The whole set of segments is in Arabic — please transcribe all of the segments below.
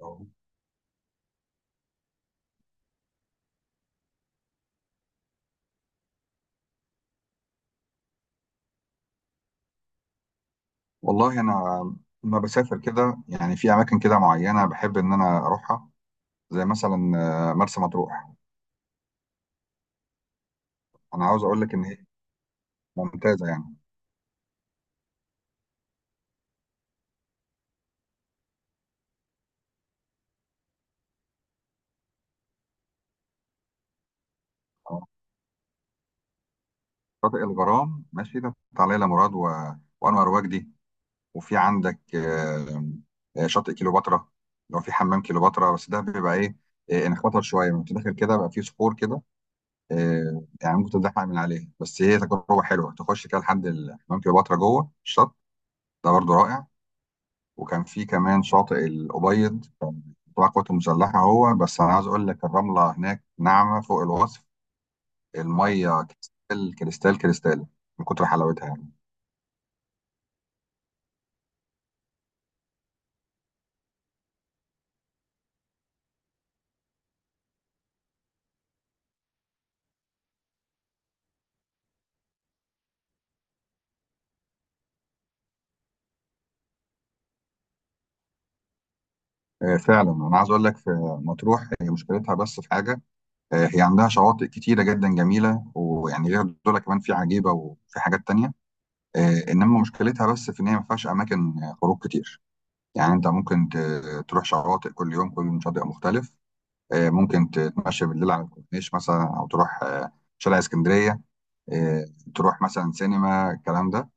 أه. والله انا لما بسافر كده يعني في اماكن كده معينه بحب ان انا اروحها، زي مثلا مرسى مطروح. انا عاوز اقول لك ان هي ممتازه يعني. آه، شاطئ الغرام ماشي، ده بتاع ليلى مراد و... وانور وجدي. وفي عندك شاطئ كيلوباترا، لو في حمام كيلوباترا، بس ده بيبقى ايه. انا خطر شويه لما داخل كده، بقى في صخور كده. يعني ممكن تتزحلق من عليه، بس هي تجربه حلوه تخش كده لحد حمام كيلوباترا جوه الشط. ده برضه رائع. وكان في كمان شاطئ الأبيض، كان تبع القوات المسلحة، هو بس أنا عايز أقول لك الرملة هناك ناعمة فوق الوصف. المية كريستال كريستال كريستال من كتر حلاوتها يعني. فعلا أنا عايز أقول لك في مطروح هي مشكلتها بس في حاجة. هي عندها شواطئ كتيرة جدا جميلة، ويعني غير دول كمان في عجيبة وفي حاجات تانية. إنما مشكلتها بس في إن هي ما فيهاش أماكن خروج كتير. يعني أنت ممكن تروح شواطئ كل يوم، كل يوم شاطئ مختلف. ممكن تتمشى بالليل على الكورنيش مثلا، او تروح شارع اسكندريه، آه، تروح مثلا سينما، الكلام ده.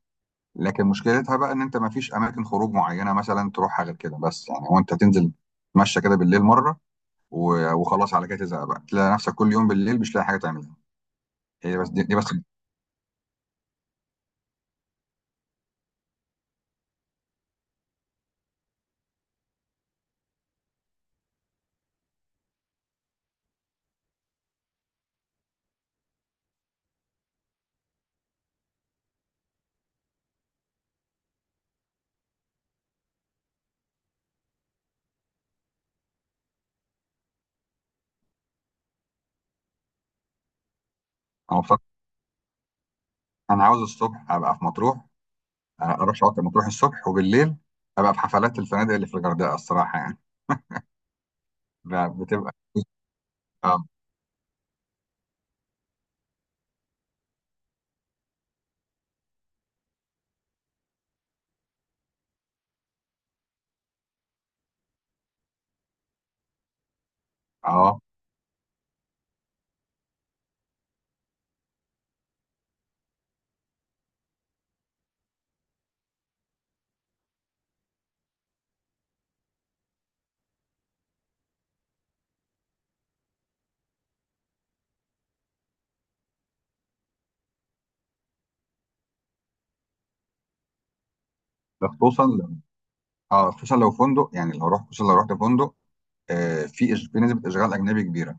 لكن مشكلتها بقى ان انت ما فيش اماكن خروج معينه مثلا تروحها غير كده. بس يعني هو انت تنزل تتمشى كده بالليل مره وخلاص، على كده تزهق بقى، تلاقي نفسك كل يوم بالليل مش لاقي حاجه تعملها. هي بس دي بس. انا بصراحه انا عاوز الصبح ابقى في مطروح، اروح شاطئ مطروح الصبح، وبالليل ابقى في حفلات الفنادق اللي في الغردقه، الصراحه يعني. بتبقى اه اه. ده خصوصا، اه، خصوصا لو فندق، يعني لو رحت، خصوصا لو رحت فندق، آه في في نسبه اشغال اجنبي كبيره.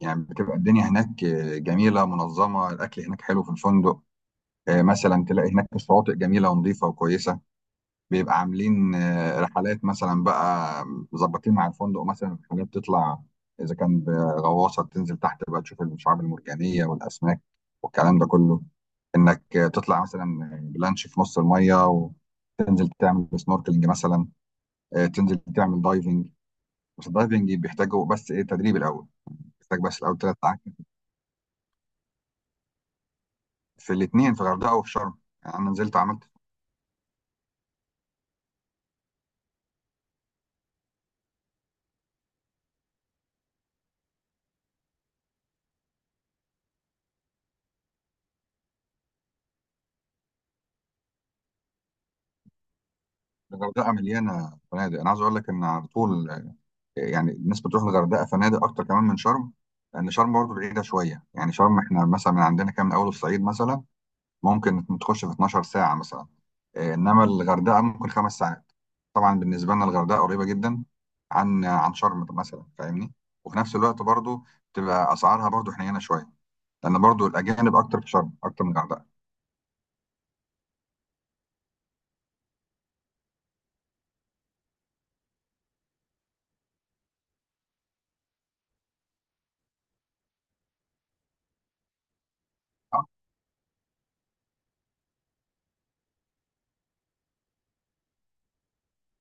يعني بتبقى الدنيا هناك جميله منظمه، الاكل هناك حلو في الفندق. آه مثلا تلاقي هناك الشواطئ جميله ونظيفه وكويسه. بيبقى عاملين آه رحلات مثلا بقى، مظبطين مع الفندق مثلا رحلات تطلع، اذا كان بغواصه تنزل تحت بقى تشوف الشعاب المرجانيه والاسماك والكلام ده كله، انك تطلع مثلا بلانش في نص الميه وتنزل تعمل سنوركلينج مثلا، تنزل تعمل دايفنج. بس الدايفنج بيحتاجوا بس ايه تدريب الاول، بيحتاج بس الاول 3 ساعات، في الاثنين في الغردقه وفي شرم. يعني انا نزلت عملت. الغردقه مليانه فنادق، انا عايز اقول لك ان على طول يعني الناس بتروح الغردقه فنادق اكتر كمان من شرم، لان شرم برضه بعيده شويه. يعني شرم احنا مثلا من عندنا كام، من اول الصعيد مثلا ممكن تخش في 12 ساعه مثلا. إيه، انما الغردقه ممكن 5 ساعات. طبعا بالنسبه لنا الغردقه قريبه جدا عن شرم مثلا، فاهمني. وفي نفس الوقت برضه تبقى اسعارها برضه حنينه شويه، لان برضو الاجانب اكتر في شرم اكتر من الغردقه.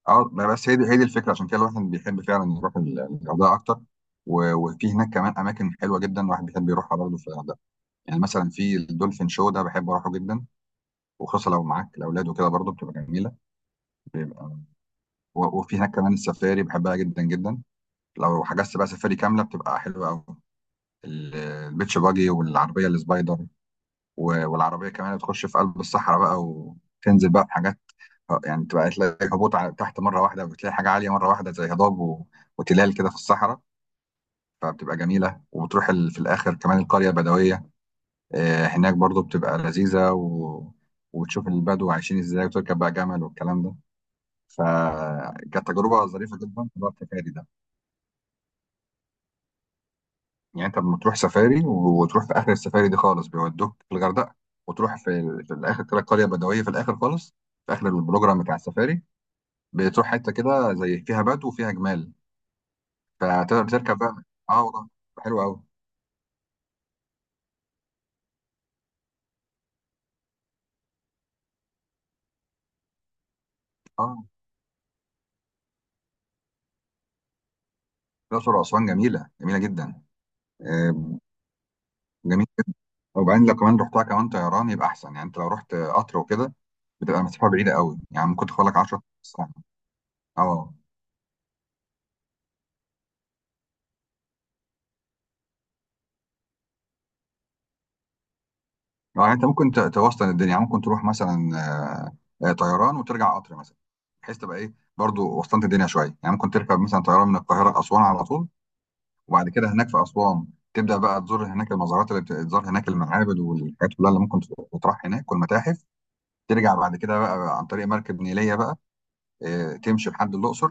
اه ما بس هي دي، هي دي الفكره، عشان كده الواحد بيحب فعلا يروح الغردقه اكتر. وفي هناك كمان اماكن حلوه جدا الواحد بيحب يروحها برضه في الغردقه. يعني مثلا في الدولفين شو، ده بحب اروحه جدا، وخصوصا لو معاك الاولاد وكده برضه بتبقى جميله. بيبقى وفي هناك كمان السفاري، بحبها جدا جدا. لو حجزت بقى سفاري كامله بتبقى حلوه قوي، البيتش باجي والعربيه السبايدر. والعربيه كمان بتخش في قلب الصحراء بقى، وتنزل بقى بحاجات. اه يعني تبقى تلاقي هبوط على تحت مره واحده، وبتلاقي حاجه عاليه مره واحده، زي هضاب وتلال كده في الصحراء. فبتبقى جميله. وبتروح في الاخر كمان القريه البدويه. آه هناك برضو بتبقى لذيذه وتشوف البدو عايشين ازاي، وتركب بقى جمل والكلام ده. فكانت تجربه ظريفه جدا في موضوع السفاري ده. يعني انت لما تروح سفاري وتروح في اخر السفاري دي خالص، بيودوك في الغردقه. وتروح في الاخر كده قريه بدويه في الاخر خالص، في اخر البروجرام بتاع السفاري، بتروح حته كده زي فيها بدو وفيها جمال، فتقدر تركب بقى. اه والله حلو قوي. اه، الاقصر واسوان جميله، جميله جدا. آه جميل. وبعدين لو كمان رحتها كمان طيران يبقى احسن، يعني انت لو رحت قطر وكده بتبقى مسافه بعيده قوي، يعني ممكن تاخد لك 10 ساعه. اه يعني انت ممكن توسطن الدنيا، يعني ممكن تروح مثلا طيران وترجع قطر مثلا، بحيث تبقى ايه برضو وسطنت الدنيا شويه. يعني ممكن تركب مثلا طيران من القاهره لاسوان على طول، وبعد كده هناك في اسوان تبدا بقى تزور هناك المزارات، اللي بتزور هناك المعابد والحاجات كلها اللي ممكن تروح هناك، والمتاحف. ترجع بعد كده بقى عن طريق مركب نيلية بقى، تمشي لحد الأقصر.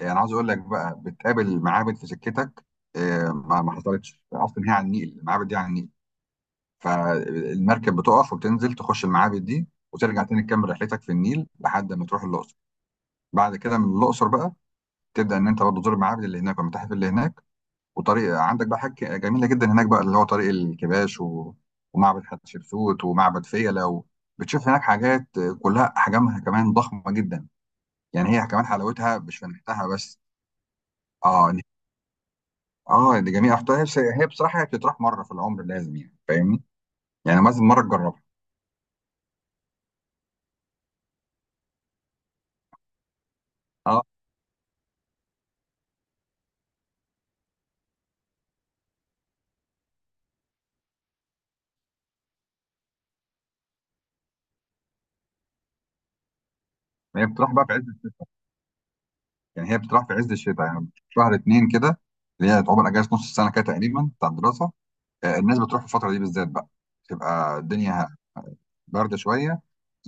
أنا عاوز أقول لك بقى بتقابل معابد في سكتك، ما حصلتش أصلا، هي على النيل، المعابد دي على النيل، فالمركب بتقف وبتنزل تخش المعابد دي وترجع تاني تكمل رحلتك في النيل لحد ما تروح الأقصر. بعد كده من الأقصر بقى تبدأ إن أنت برضه تزور المعابد اللي هناك والمتاحف اللي هناك. وطريق عندك بقى حاجة جميلة جدا هناك بقى، اللي هو طريق الكباش ومعبد حتشبسوت ومعبد فيلة بتشوف هناك حاجات كلها أحجامها كمان ضخمة جدا. يعني هي كمان حلاوتها مش في نحتها بس. اه اه دي جميله اختها. هي هي بصراحه هي بتطرح مره في العمر لازم، يعني فاهمني، يعني لازم مره تجربها. اه هي بتطرح بقى في عز، يعني هي بتطرح في عز الشتاء، يعني في شهر اتنين كده، اللي هي تعتبر اجازه نص السنه كده تقريبا بتاع الدراسه. آه الناس بتروح في الفتره دي بالذات بقى. تبقى الدنيا بارده شويه،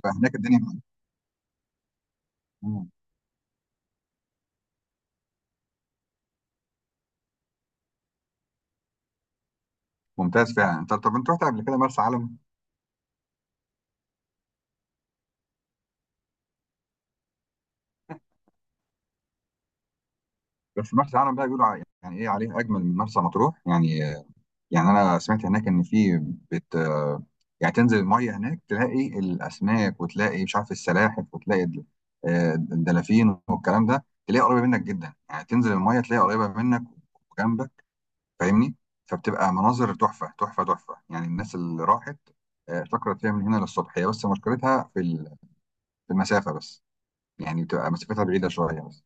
فهناك الدنيا مم. ممتاز فعلا. انت طب انت رحت قبل كده مرسى علم؟ بس مرسى علم بقى بيقولوا يعني ايه عليه اجمل من مرسى مطروح يعني. يعني انا سمعت هناك ان في بت، يعني تنزل الميه هناك تلاقي الاسماك، وتلاقي مش عارف السلاحف، وتلاقي الدلافين والكلام ده، تلاقي قريبه منك جدا. يعني تنزل الميه تلاقي قريبه منك وجنبك، فاهمني. فبتبقى مناظر تحفه تحفه تحفه، يعني الناس اللي راحت افتكرت فيها من هنا للصبح. هي بس مشكلتها في في المسافه بس، يعني بتبقى مسافتها بعيده شويه بس.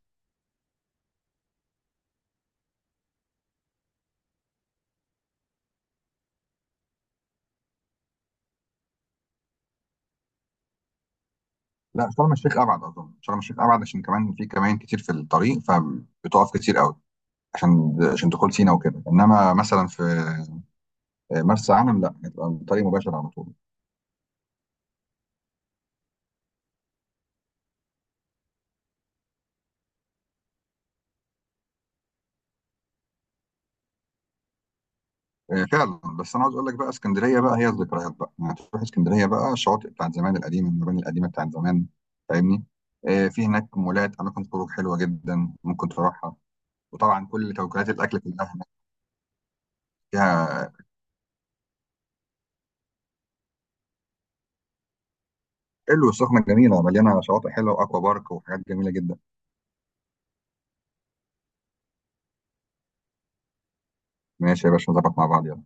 لا شرم الشيخ ابعد، اظن شرم الشيخ ابعد، عشان كمان في كمان كتير في الطريق فبتقف كتير قوي، عشان دخول سينا وكده، انما مثلا في مرسى علم لا، هتبقى الطريق مباشر على طول. فعلا. بس انا عاوز اقول لك بقى اسكندريه بقى هي الذكريات بقى، يعني تروح اسكندريه بقى الشواطئ بتاعت زمان القديمه، المباني القديمه بتاعت زمان، فاهمني. في هناك مولات، اماكن خروج حلوه جدا ممكن تروحها، وطبعا كل توكيلات الاكل كلها هناك. فيها. حلو السخنه جميله، مليانه شواطئ حلوه، واكوا بارك وحاجات جميله جدا. ماشي يا باشا، نظبط مع بعض، يلا.